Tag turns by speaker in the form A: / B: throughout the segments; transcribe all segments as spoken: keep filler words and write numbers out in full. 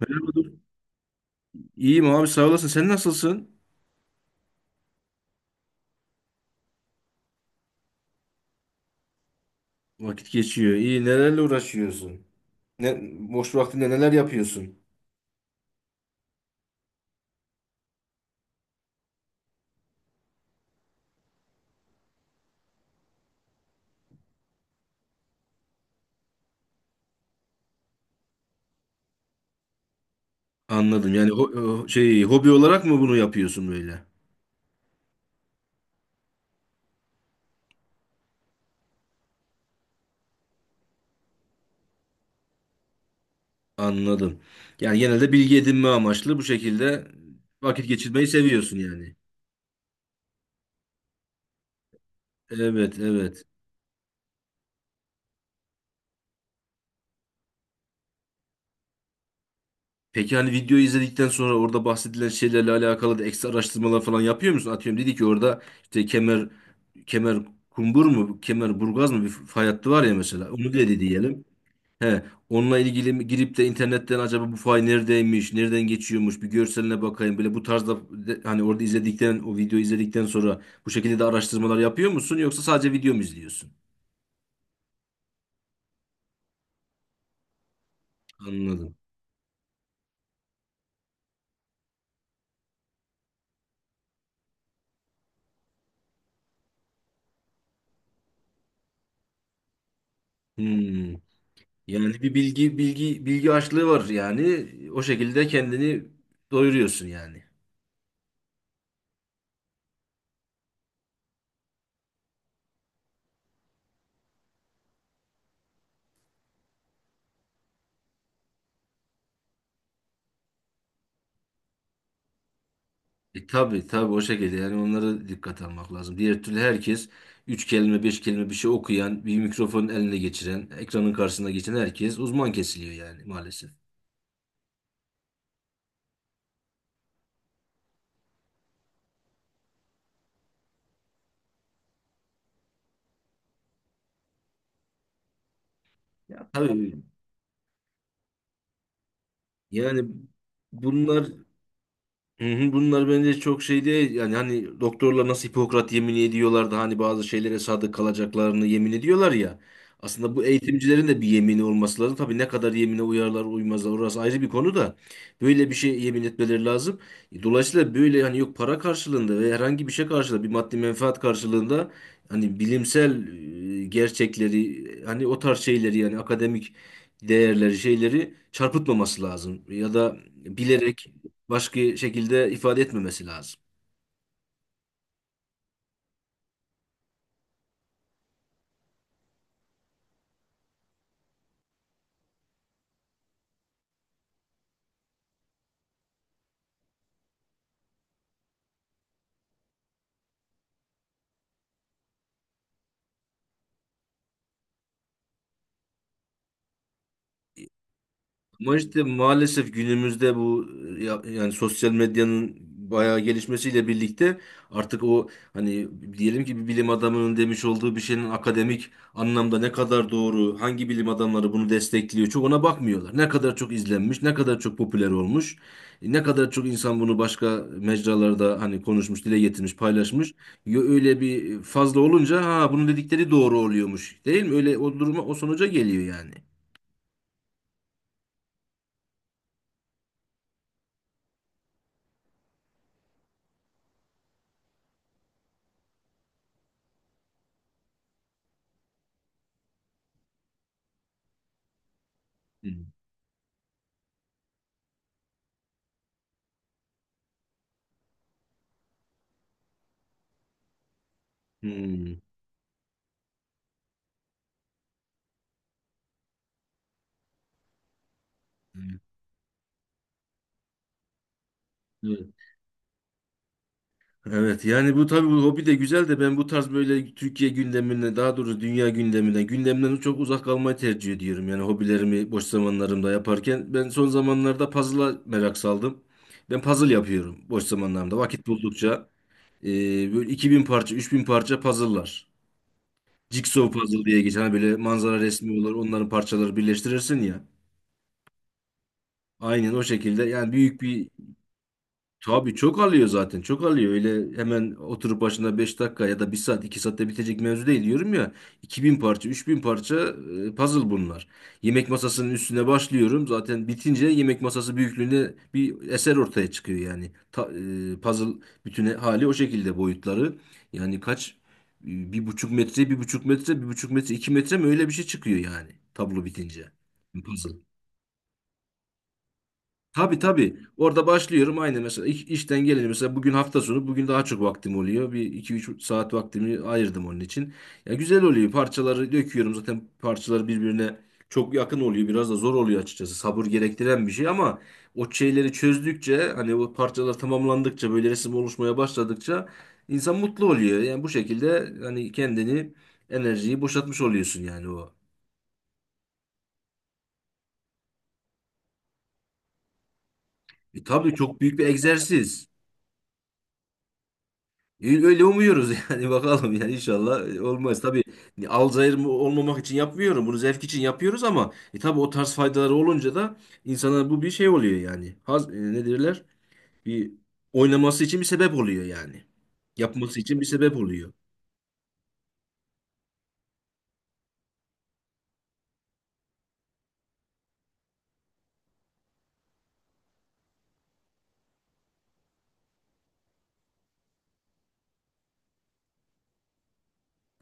A: Merhaba dur. İyiyim abi sağ olasın. Sen nasılsın? Vakit geçiyor. İyi. Nelerle uğraşıyorsun? Ne, boş vaktinde neler yapıyorsun? Anladım. Yani ho- o şey hobi olarak mı bunu yapıyorsun böyle? Anladım. Yani genelde bilgi edinme amaçlı bu şekilde vakit geçirmeyi seviyorsun yani. Evet, evet. Peki hani videoyu izledikten sonra orada bahsedilen şeylerle alakalı da ekstra araştırmalar falan yapıyor musun? Atıyorum dedi ki orada işte kemer kemer kumbur mu, kemer burgaz mı bir fay hattı var ya mesela. Onu dedi diyelim. He, onunla ilgili mi- girip de internetten acaba bu fay neredeymiş, nereden geçiyormuş bir görseline bakayım. Böyle bu tarzda de- hani orada izledikten, o videoyu izledikten sonra bu şekilde de araştırmalar yapıyor musun yoksa sadece video mu izliyorsun? Anladım. Hmm. Yani bir bilgi bilgi bilgi açlığı var yani o şekilde kendini doyuruyorsun yani. E, tabii tabii o şekilde yani onlara dikkat almak lazım. Diğer türlü herkes üç kelime beş kelime bir şey okuyan bir mikrofonun eline geçiren ekranın karşısına geçen herkes uzman kesiliyor yani maalesef. Ya, tabii yani bunlar hı hı. Bunlar bence çok şey değil yani hani doktorlar nasıl Hipokrat yemini ediyorlar da hani bazı şeylere sadık kalacaklarını yemin ediyorlar ya. Aslında bu eğitimcilerin de bir yemini olması lazım. Tabii ne kadar yemine uyarlar uymazlar orası ayrı bir konu da böyle bir şey yemin etmeleri lazım. E, Dolayısıyla böyle hani yok para karşılığında ve herhangi bir şey karşılığında bir maddi menfaat karşılığında hani bilimsel e, gerçekleri e, hani o tarz şeyleri yani akademik değerleri şeyleri çarpıtmaması lazım ya da, evet, bilerek başka şekilde ifade etmemesi lazım. Ama işte maalesef günümüzde bu e, ya- yani sosyal medyanın bayağı gelişmesiyle birlikte artık o hani diyelim ki bir bilim adamının demiş olduğu bir şeyin akademik anlamda ne kadar doğru, hangi bilim adamları bunu destekliyor çok ona bakmıyorlar. Ne kadar çok izlenmiş, ne kadar çok popüler olmuş, e, ne kadar çok insan bunu başka mecralarda hani konuşmuş, dile getirmiş, paylaşmış. Yo- Öyle bir fazla olunca ha bunun dedikleri doğru oluyormuş değil mi? Öyle o duruma o sonuca geliyor yani. Hı. Hmm. Evet, evet, yani bu tabii bu hobi de güzel de ben bu tarz böyle Türkiye gündemine daha doğrusu dünya gündemine gündemden çok uzak kalmayı tercih ediyorum. Yani hobilerimi boş zamanlarımda yaparken ben son zamanlarda puzzle'a merak saldım. Ben puzzle yapıyorum boş zamanlarımda vakit buldukça. Ee, böyle iki bin parça üç bin parça puzzle'lar. Jigsaw puzzle diye geçen hani böyle manzara resmi olur onların parçaları birleştirirsin ya. Aynen o şekilde yani büyük bir tabii çok alıyor zaten. Çok alıyor. Öyle hemen oturup başına beş dakika ya da bir saat iki saatte bitecek mevzu değil diyorum ya. iki bin parça üç bin parça e, puzzle bunlar. Yemek masasının üstüne başlıyorum. Zaten bitince yemek masası büyüklüğünde bir eser ortaya çıkıyor yani. Ta- e, puzzle bütün hali o şekilde boyutları. Yani kaç e, bir buçuk metre bir buçuk metre bir buçuk metre iki metre mi öyle bir şey çıkıyor yani tablo bitince. Puzzle. Tabii tabii. Orada başlıyorum aynı mesela iş- işten gelince mesela bugün hafta sonu bugün daha çok vaktim oluyor. Bir iki üç saat vaktimi ayırdım onun için. Ya güzel oluyor. Parçaları döküyorum zaten parçaları birbirine çok yakın oluyor. Biraz da zor oluyor açıkçası. Sabır gerektiren bir şey ama o şeyleri çözdükçe hani o parçalar tamamlandıkça böyle resim oluşmaya başladıkça insan mutlu oluyor. Yani bu şekilde hani kendini enerjiyi boşaltmış oluyorsun yani o. E tabii çok büyük bir egzersiz. Öyle umuyoruz yani bakalım yani inşallah e, olmaz. Tabii e, alzheimer mı- olmamak için yapmıyorum. Bunu zevk için yapıyoruz ama e, tabii o tarz faydaları olunca da insana bu bir şey oluyor yani. Haz, e, ne derler? Bir oynaması için bir sebep oluyor yani. Yapması için bir sebep oluyor.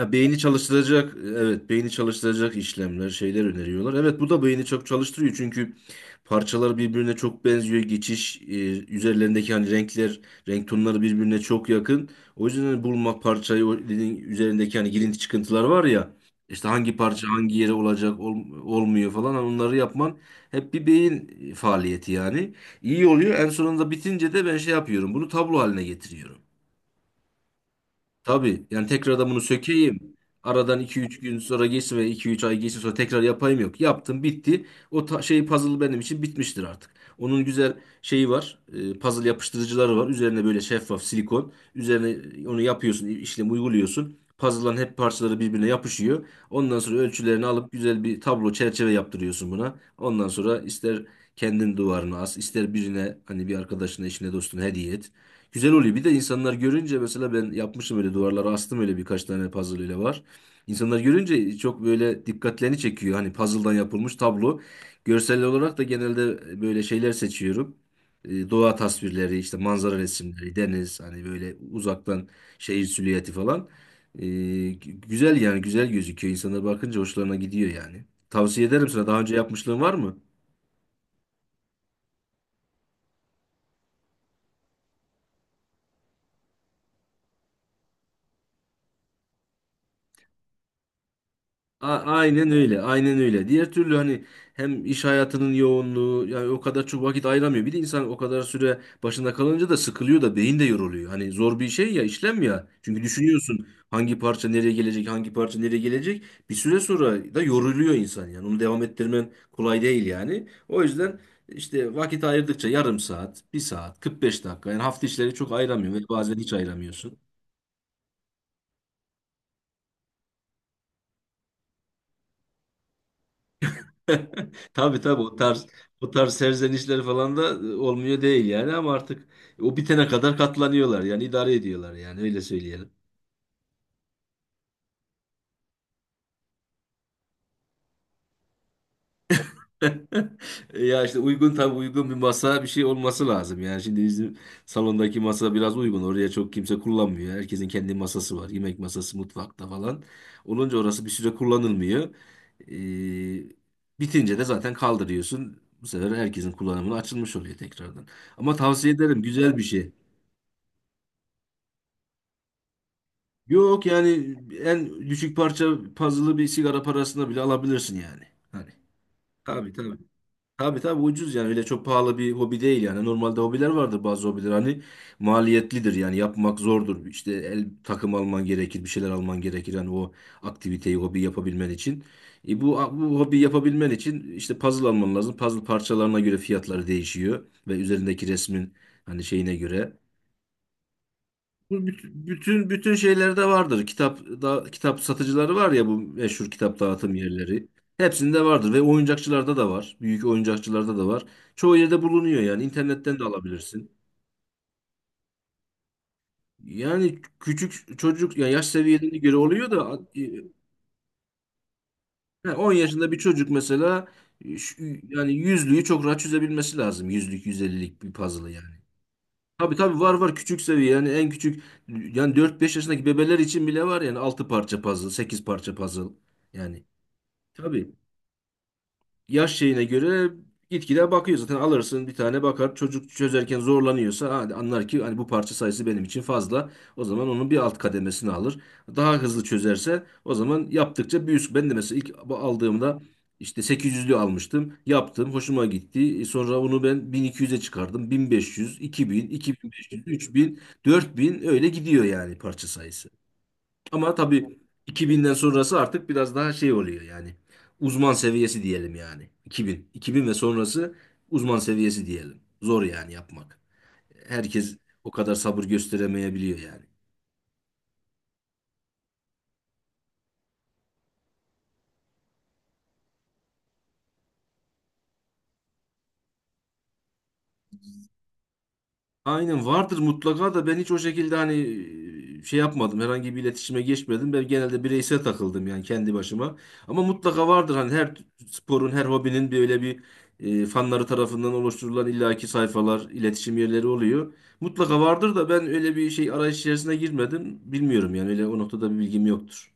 A: Ha, beyni çalıştıracak, evet beyni çalıştıracak işlemler, şeyler öneriyorlar. Evet bu da beyni çok çalıştırıyor çünkü parçalar birbirine çok benziyor. Geçiş, e, üzerlerindeki hani renkler, renk tonları birbirine çok yakın. O yüzden hani bulmak parçayı, o dediğin üzerindeki hani girinti çıkıntılar var ya, işte hangi parça hangi yere olacak, ol- olmuyor falan hani onları yapman hep bir beyin faaliyeti yani. İyi oluyor. En sonunda bitince de ben şey yapıyorum, bunu tablo haline getiriyorum. Tabii yani tekrardan bunu sökeyim. Aradan iki üç gün sonra geçsin ve iki üç ay geçsin sonra tekrar yapayım yok. Yaptım bitti. O ta- şey puzzle benim için bitmiştir artık. Onun güzel şeyi var. E, puzzle yapıştırıcıları var. Üzerine böyle şeffaf silikon. Üzerine onu yapıyorsun, işlemi uyguluyorsun. Puzzle'ların hep parçaları birbirine yapışıyor. Ondan sonra ölçülerini alıp güzel bir tablo çerçeve yaptırıyorsun buna. Ondan sonra ister kendin duvarına as, ister birine hani bir arkadaşına, eşine, dostuna hediye et. Güzel oluyor. Bir de insanlar görünce mesela ben yapmışım öyle duvarlara astım öyle birkaç tane puzzle ile var. İnsanlar görünce çok böyle dikkatlerini çekiyor. Hani puzzle'dan yapılmış tablo. Görsel olarak da genelde e, böyle şeyler seçiyorum. E, Doğa tasvirleri, işte manzara resimleri, deniz, hani böyle uzaktan şehir silüeti falan. E, güzel yani güzel gözüküyor. İnsanlar bakınca hoşlarına gidiyor yani. Tavsiye ederim sana. Daha önce yapmışlığın var mı? A- Aynen öyle, aynen öyle. Diğer türlü hani hem iş hayatının yoğunluğu yani o kadar çok vakit ayıramıyor. Bir de insan o kadar süre başında kalınca da sıkılıyor da beyin de yoruluyor. Hani zor bir şey ya işlem ya. Çünkü düşünüyorsun hangi parça nereye gelecek, hangi parça nereye gelecek. Bir süre sonra da yoruluyor insan yani. Onu devam ettirmen kolay değil yani. O yüzden işte vakit ayırdıkça yarım saat, bir saat, kırk beş dakika. Yani hafta içleri çok ayıramıyor ve bazen hiç ayıramıyorsun. Tabii tabii o tarz o tarz serzenişleri falan da e, olmuyor değil yani ama artık o bitene kadar katlanıyorlar yani idare ediyorlar yani öyle söyleyelim. Ya işte uygun tabii uygun bir masa bir şey olması lazım yani şimdi bizim salondaki masa biraz uygun oraya çok kimse kullanmıyor herkesin kendi masası var yemek masası mutfakta falan olunca orası bir süre kullanılmıyor. Ee, bitince de zaten kaldırıyorsun bu sefer herkesin kullanımına açılmış oluyor tekrardan ama tavsiye ederim güzel bir şey. Yok yani en düşük parça puzzle'ı bir sigara parasına bile alabilirsin yani. Hani tabii tabii. Tabii tabii ucuz yani öyle çok pahalı bir hobi değil yani. Normalde hobiler vardır bazı hobiler hani maliyetlidir yani yapmak zordur. İşte el takım alman gerekir, bir şeyler alman gerekir hani o aktiviteyi, hobi yapabilmen için. E bu bu hobi yapabilmen için işte puzzle alman lazım. Puzzle parçalarına göre fiyatları değişiyor ve üzerindeki resmin hani şeyine göre. Bu büt- bütün bütün şeylerde vardır. Kitap da kitap satıcıları var ya bu meşhur kitap dağıtım yerleri. Hepsinde vardır ve oyuncakçılarda da var. Büyük oyuncakçılarda da var. Çoğu yerde bulunuyor yani internetten de alabilirsin. Yani küçük çocuk yani yaş seviyesine göre oluyor da e, ha, on yaşında bir çocuk mesela e, şu- yani yüzlüğü çok rahat çözebilmesi lazım. Yüzlük, yüz ellilik bir puzzle yani. Tabii tabii var var küçük seviye yani en küçük yani dört beş yaşındaki bebeler için bile var yani altı parça puzzle sekiz parça puzzle yani tabii yaş şeyine göre gitgide bakıyor zaten alırsın bir tane bakar çocuk çözerken zorlanıyorsa hadi anlar ki hani bu parça sayısı benim için fazla o zaman onun bir alt kademesini alır daha hızlı çözerse o zaman yaptıkça bir üst ben de mesela ilk bu aldığımda işte sekiz yüzlü almıştım yaptım hoşuma gitti E sonra onu ben bin iki yüze çıkardım bin beş yüz iki bin iki bin beş yüz 3000 bin iki bin beş yüz, üç bin, dört bin, öyle gidiyor yani parça sayısı. Ama tabii iki binden sonrası artık biraz daha şey oluyor yani. Uzman seviyesi diyelim yani. iki bin. iki bin ve sonrası uzman seviyesi diyelim. Zor yani yapmak. Herkes o kadar sabır gösteremeyebiliyor yani. Aynen vardır mutlaka da ben hiç o şekilde hani e, şey yapmadım. Herhangi bir iletişime geçmedim. Ben genelde bireysel takıldım yani kendi başıma. Ama mutlaka vardır hani her sporun, her hobinin böyle bir e, fanları tarafından oluşturulan illaki sayfalar, iletişim yerleri oluyor. Mutlaka vardır da ben öyle bir şey arayış içerisine girmedim. Bilmiyorum yani öyle o noktada bir bilgim yoktur.